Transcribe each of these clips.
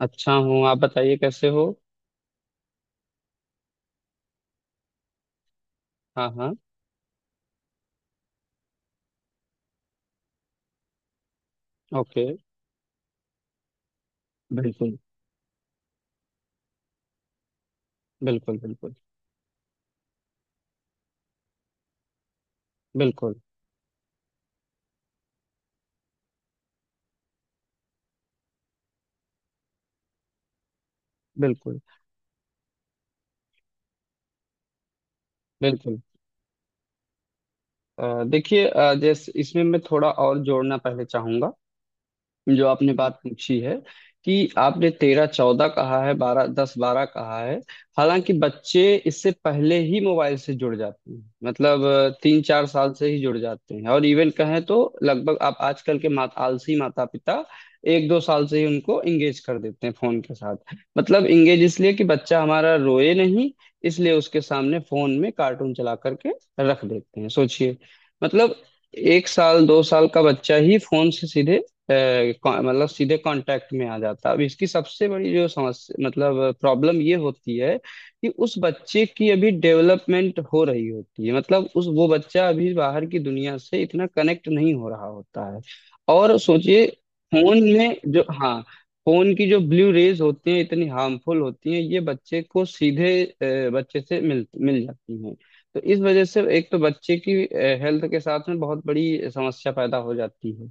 अच्छा हूँ। आप बताइए कैसे हो? हाँ, हाँ। ओके। बिल्कुल। बिल्कुल। बिल्कुल। बिल्कुल। बिल्कुल। बिल्कुल। देखिए, जैसे इसमें मैं थोड़ा और जोड़ना पहले चाहूंगा, जो आपने बात पूछी है। कि आपने तेरह चौदह कहा है, बारह दस बारह कहा है। हालांकि बच्चे इससे पहले ही मोबाइल से जुड़ जाते हैं, मतलब तीन चार साल से ही जुड़ जाते हैं। और इवन कहें तो लगभग आप आजकल के मात आलसी माता पिता एक दो साल से ही उनको इंगेज कर देते हैं फोन के साथ। मतलब इंगेज इसलिए कि बच्चा हमारा रोए नहीं, इसलिए उसके सामने फोन में कार्टून चला करके रख देते हैं। सोचिए, मतलब एक साल दो साल का बच्चा ही फोन से सीधे मतलब सीधे कांटेक्ट में आ जाता है। अब इसकी सबसे बड़ी जो समस्या, मतलब प्रॉब्लम, ये होती है कि उस बच्चे की अभी डेवलपमेंट हो रही होती है। मतलब उस वो बच्चा अभी बाहर की दुनिया से इतना कनेक्ट नहीं हो रहा होता है। और सोचिए, फोन में जो हाँ, फोन की जो ब्लू रेज होती हैं इतनी हार्मफुल होती हैं, ये बच्चे को सीधे बच्चे से मिल मिल जाती हैं। तो इस वजह से एक तो बच्चे की हेल्थ के साथ में बहुत बड़ी समस्या पैदा हो जाती है।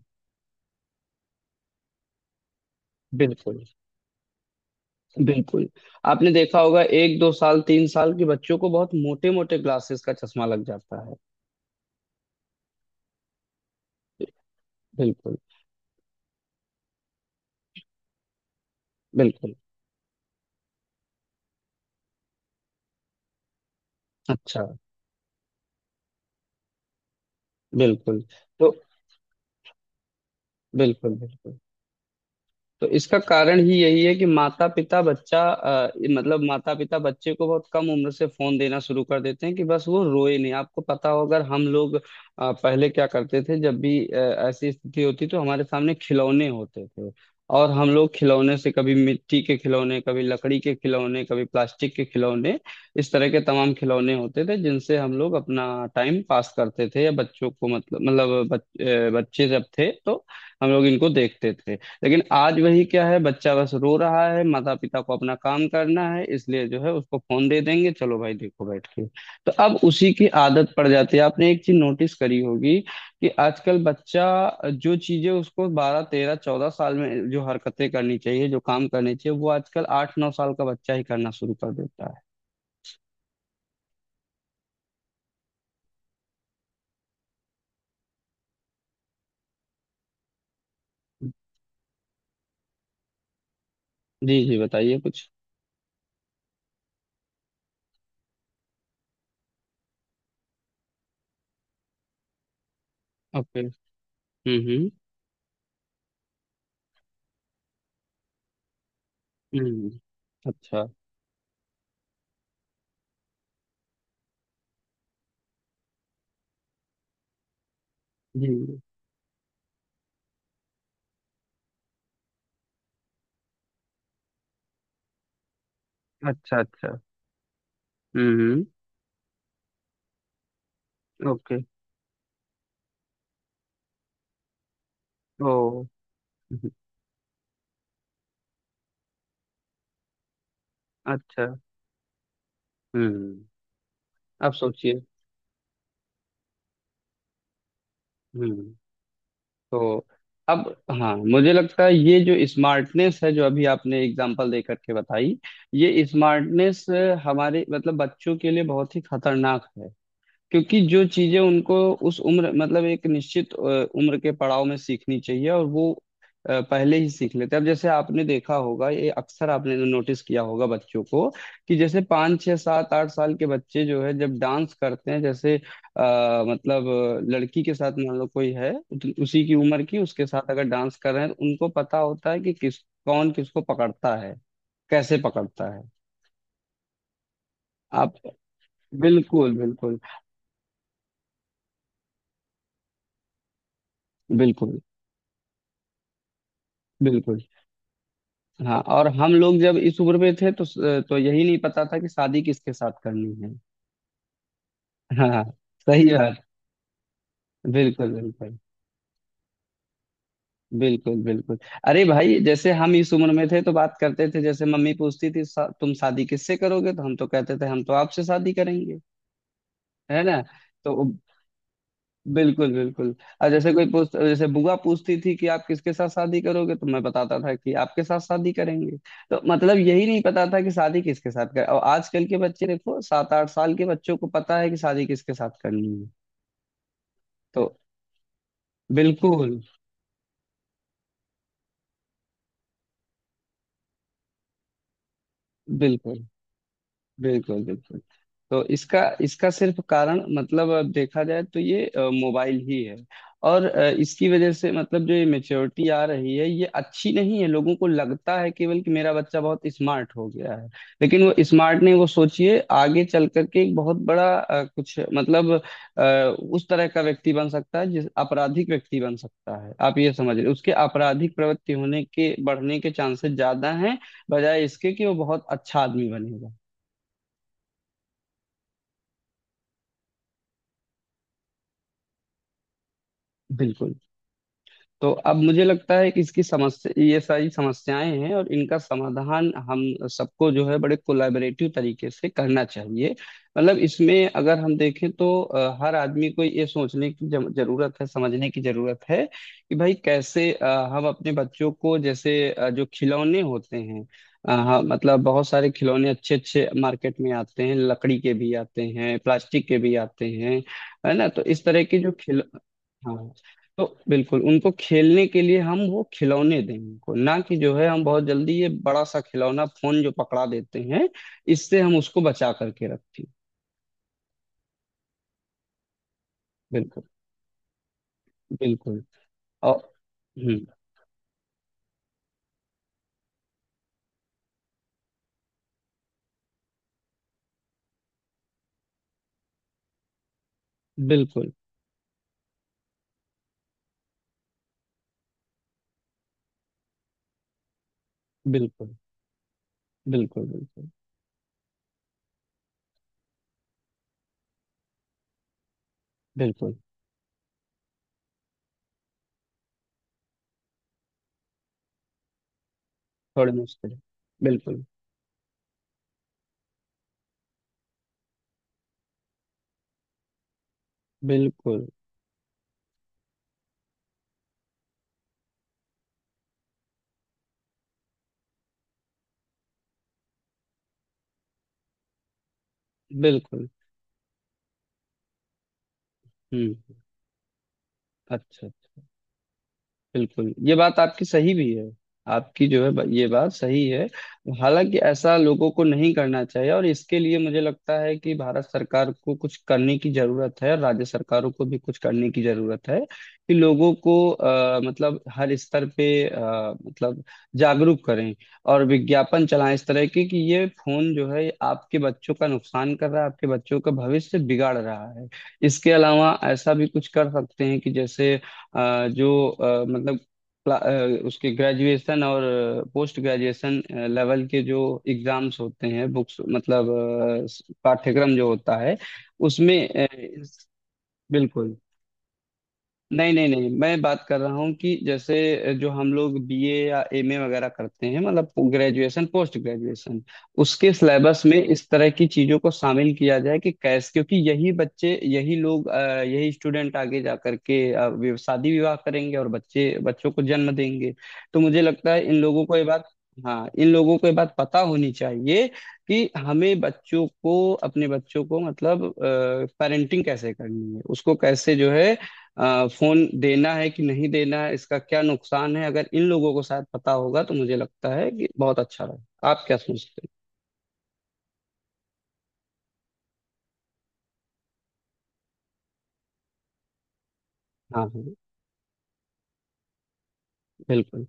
बिल्कुल। बिल्कुल। आपने देखा होगा, एक दो साल तीन साल के बच्चों को बहुत मोटे मोटे ग्लासेस का चश्मा लग जाता है। बिल्कुल। बिल्कुल। अच्छा। बिल्कुल। तो बिल्कुल। बिल्कुल। तो इसका कारण ही यही है कि माता पिता बच्चा अ, मतलब माता पिता बच्चे को बहुत कम उम्र से फोन देना शुरू कर देते हैं, कि बस वो रोए नहीं। आपको पता हो, अगर हम लोग पहले क्या करते थे, जब भी ऐसी स्थिति होती, तो हमारे सामने खिलौने होते थे। और हम लोग खिलौने से, कभी मिट्टी के खिलौने, कभी लकड़ी के खिलौने, कभी प्लास्टिक के खिलौने, इस तरह के तमाम खिलौने होते थे जिनसे हम लोग अपना टाइम पास करते थे। या बच्चों को मतलब बच्चे जब थे तो हम लोग इनको देखते थे। लेकिन आज वही क्या है, बच्चा बस रो रहा है, माता पिता को अपना काम करना है, इसलिए जो है उसको फोन दे देंगे, चलो भाई देखो बैठ के। तो अब उसी की आदत पड़ जाती है। आपने एक चीज नोटिस करी होगी, कि आजकल बच्चा जो चीजें उसको बारह तेरह चौदह साल में जो हरकतें करनी चाहिए, जो काम करने चाहिए, वो आजकल आठ नौ साल का बच्चा ही करना शुरू कर देता है। जी जी, बताइए कुछ। ओके। हम्म। हम्म। हम्म। अच्छा। जी। अच्छा, अच्छा। हम्म, हम्म। ओके। ओ। हम्म। अच्छा। हम्म। अब सोचिए। हम्म। तो अब, हाँ, मुझे लगता है ये जो स्मार्टनेस है जो अभी आपने एग्जांपल दे करके बताई, ये स्मार्टनेस हमारे मतलब बच्चों के लिए बहुत ही खतरनाक है। क्योंकि जो चीजें उनको उस उम्र मतलब एक निश्चित उम्र के पड़ाव में सीखनी चाहिए, और वो पहले ही सीख लेते हैं। अब जैसे आपने देखा होगा, ये अक्सर आपने नोटिस किया होगा बच्चों को, कि जैसे पाँच छः सात आठ साल के बच्चे जो है, जब डांस करते हैं, जैसे मतलब लड़की के साथ मान लो कोई है उसी की उम्र की, उसके साथ अगर डांस कर रहे हैं, तो उनको पता होता है कि किस कौन किसको पकड़ता है, कैसे पकड़ता है। आप, बिल्कुल, बिल्कुल। बिल्कुल, बिल्कुल। हाँ, और हम लोग जब इस उम्र में थे, तो यही नहीं पता था कि शादी किसके साथ करनी है। हाँ। सही बात। बिल्कुल, बिल्कुल। बिल्कुल, बिल्कुल। अरे भाई, जैसे हम इस उम्र में थे तो बात करते थे। जैसे मम्मी पूछती थी, तुम शादी किससे करोगे?" तो हम तो कहते थे हम तो आपसे शादी करेंगे। है ना? तो बिल्कुल, बिल्कुल। और जैसे कोई पूछ, जैसे बुआ पूछती थी कि आप किसके साथ शादी करोगे, तो मैं बताता था कि आपके साथ शादी करेंगे। तो मतलब यही नहीं पता था कि शादी किसके साथ कर, और आजकल के बच्चे देखो, सात आठ साल के बच्चों को पता है कि शादी किसके साथ करनी है। तो बिल्कुल, बिल्कुल। बिल्कुल, बिल्कुल। तो इसका इसका सिर्फ कारण, मतलब अब देखा जाए तो ये मोबाइल ही है। और इसकी वजह से मतलब जो ये मेच्योरिटी आ रही है, ये अच्छी नहीं है। लोगों को लगता है केवल कि मेरा बच्चा बहुत स्मार्ट हो गया है। लेकिन वो स्मार्ट नहीं। वो सोचिए, आगे चल करके एक बहुत बड़ा अ, उस तरह का व्यक्ति बन सकता है, जिस आपराधिक व्यक्ति बन सकता है। आप ये समझ रहे, उसके आपराधिक प्रवृत्ति होने के बढ़ने के चांसेस ज्यादा हैं, बजाय इसके कि वो बहुत अच्छा आदमी बनेगा। बिल्कुल। तो अब मुझे लगता है कि इसकी समस्या, ये सारी समस्याएं हैं, और इनका समाधान हम सबको जो है बड़े कोलैबोरेटिव तरीके से करना चाहिए। मतलब इसमें अगर हम देखें तो हर आदमी को ये सोचने की जरूरत है, समझने की जरूरत है, कि भाई कैसे हम अपने बच्चों को, जैसे जो खिलौने होते हैं, हाँ, मतलब बहुत सारे खिलौने अच्छे अच्छे मार्केट में आते हैं, लकड़ी के भी आते हैं, प्लास्टिक के भी आते हैं। है ना? तो इस तरह के जो खिल हाँ, तो बिल्कुल, उनको खेलने के लिए हम वो खिलौने दें उनको, ना कि जो है हम बहुत जल्दी ये बड़ा सा खिलौना फोन जो पकड़ा देते हैं। इससे हम उसको बचा करके रखें। बिल्कुल। बिल्कुल। और, हम्म, बिल्कुल, बिल्कुल। बिल्कुल, बिल्कुल, बिल्कुल। थोड़े मुश्किल है। बिल्कुल। बिल्कुल। बिल्कुल। हम्म। अच्छा। बिल्कुल, ये बात आपकी सही भी है। आपकी जो है ये बात सही है। हालांकि ऐसा लोगों को नहीं करना चाहिए, और इसके लिए मुझे लगता है कि भारत सरकार को कुछ करने की जरूरत है, और राज्य सरकारों को भी कुछ करने की जरूरत है। कि लोगों को मतलब हर स्तर पे मतलब जागरूक करें, और विज्ञापन चलाएं इस तरह के, कि ये फोन जो है आपके बच्चों का नुकसान कर रहा है, आपके बच्चों का भविष्य बिगाड़ रहा है। इसके अलावा ऐसा भी कुछ कर सकते हैं कि जैसे अ, जो अ, मतलब क्ला- अ, उसके ग्रेजुएशन और पोस्ट ग्रेजुएशन लेवल के जो एग्जाम्स होते हैं, बुक्स, मतलब पाठ्यक्रम जो होता है, उसमें बिल्कुल। नहीं, नहीं, नहीं, मैं बात कर रहा हूँ कि जैसे जो हम लोग बीए या एमए वगैरह करते हैं, मतलब ग्रेजुएशन पोस्ट ग्रेजुएशन। उसके सिलेबस में इस तरह की चीजों को शामिल किया जाए, कि कैसे, क्योंकि यही बच्चे, यही लोग, यही स्टूडेंट आगे जा करके शादी विवाह करेंगे, और बच्चे बच्चों को जन्म देंगे। तो मुझे लगता है इन लोगों को ये बात, हाँ, इन लोगों को ये बात पता होनी चाहिए। कि हमें बच्चों को अपने बच्चों को, मतलब पेरेंटिंग कैसे करनी है, उसको कैसे जो है फोन देना है कि नहीं देना है, इसका क्या नुकसान है। अगर इन लोगों को शायद पता होगा, तो मुझे लगता है कि बहुत अच्छा रहे। आप क्या सोचते हैं? हाँ, हाँ। बिल्कुल।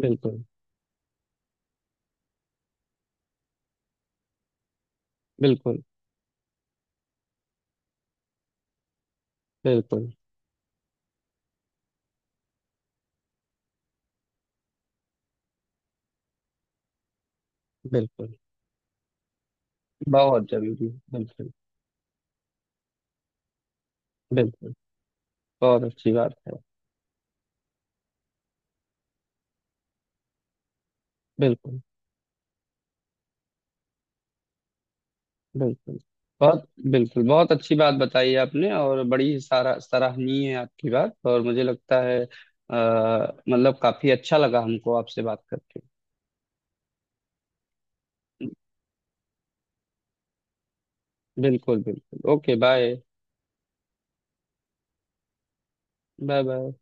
बिल्कुल, बिल्कुल। बिल्कुल, बिल्कुल। बहुत जरूरी है, बिल्कुल। बिल्कुल, बहुत अच्छी बात है। बिल्कुल। बिल्कुल। बहुत, बिल्कुल, बहुत अच्छी बात बताई आपने, और बड़ी सारा सराहनीय है आपकी बात, और मुझे लगता है मतलब काफी अच्छा लगा हमको आपसे बात करके। बिल्कुल, बिल्कुल। Okay, bye. Bye, bye.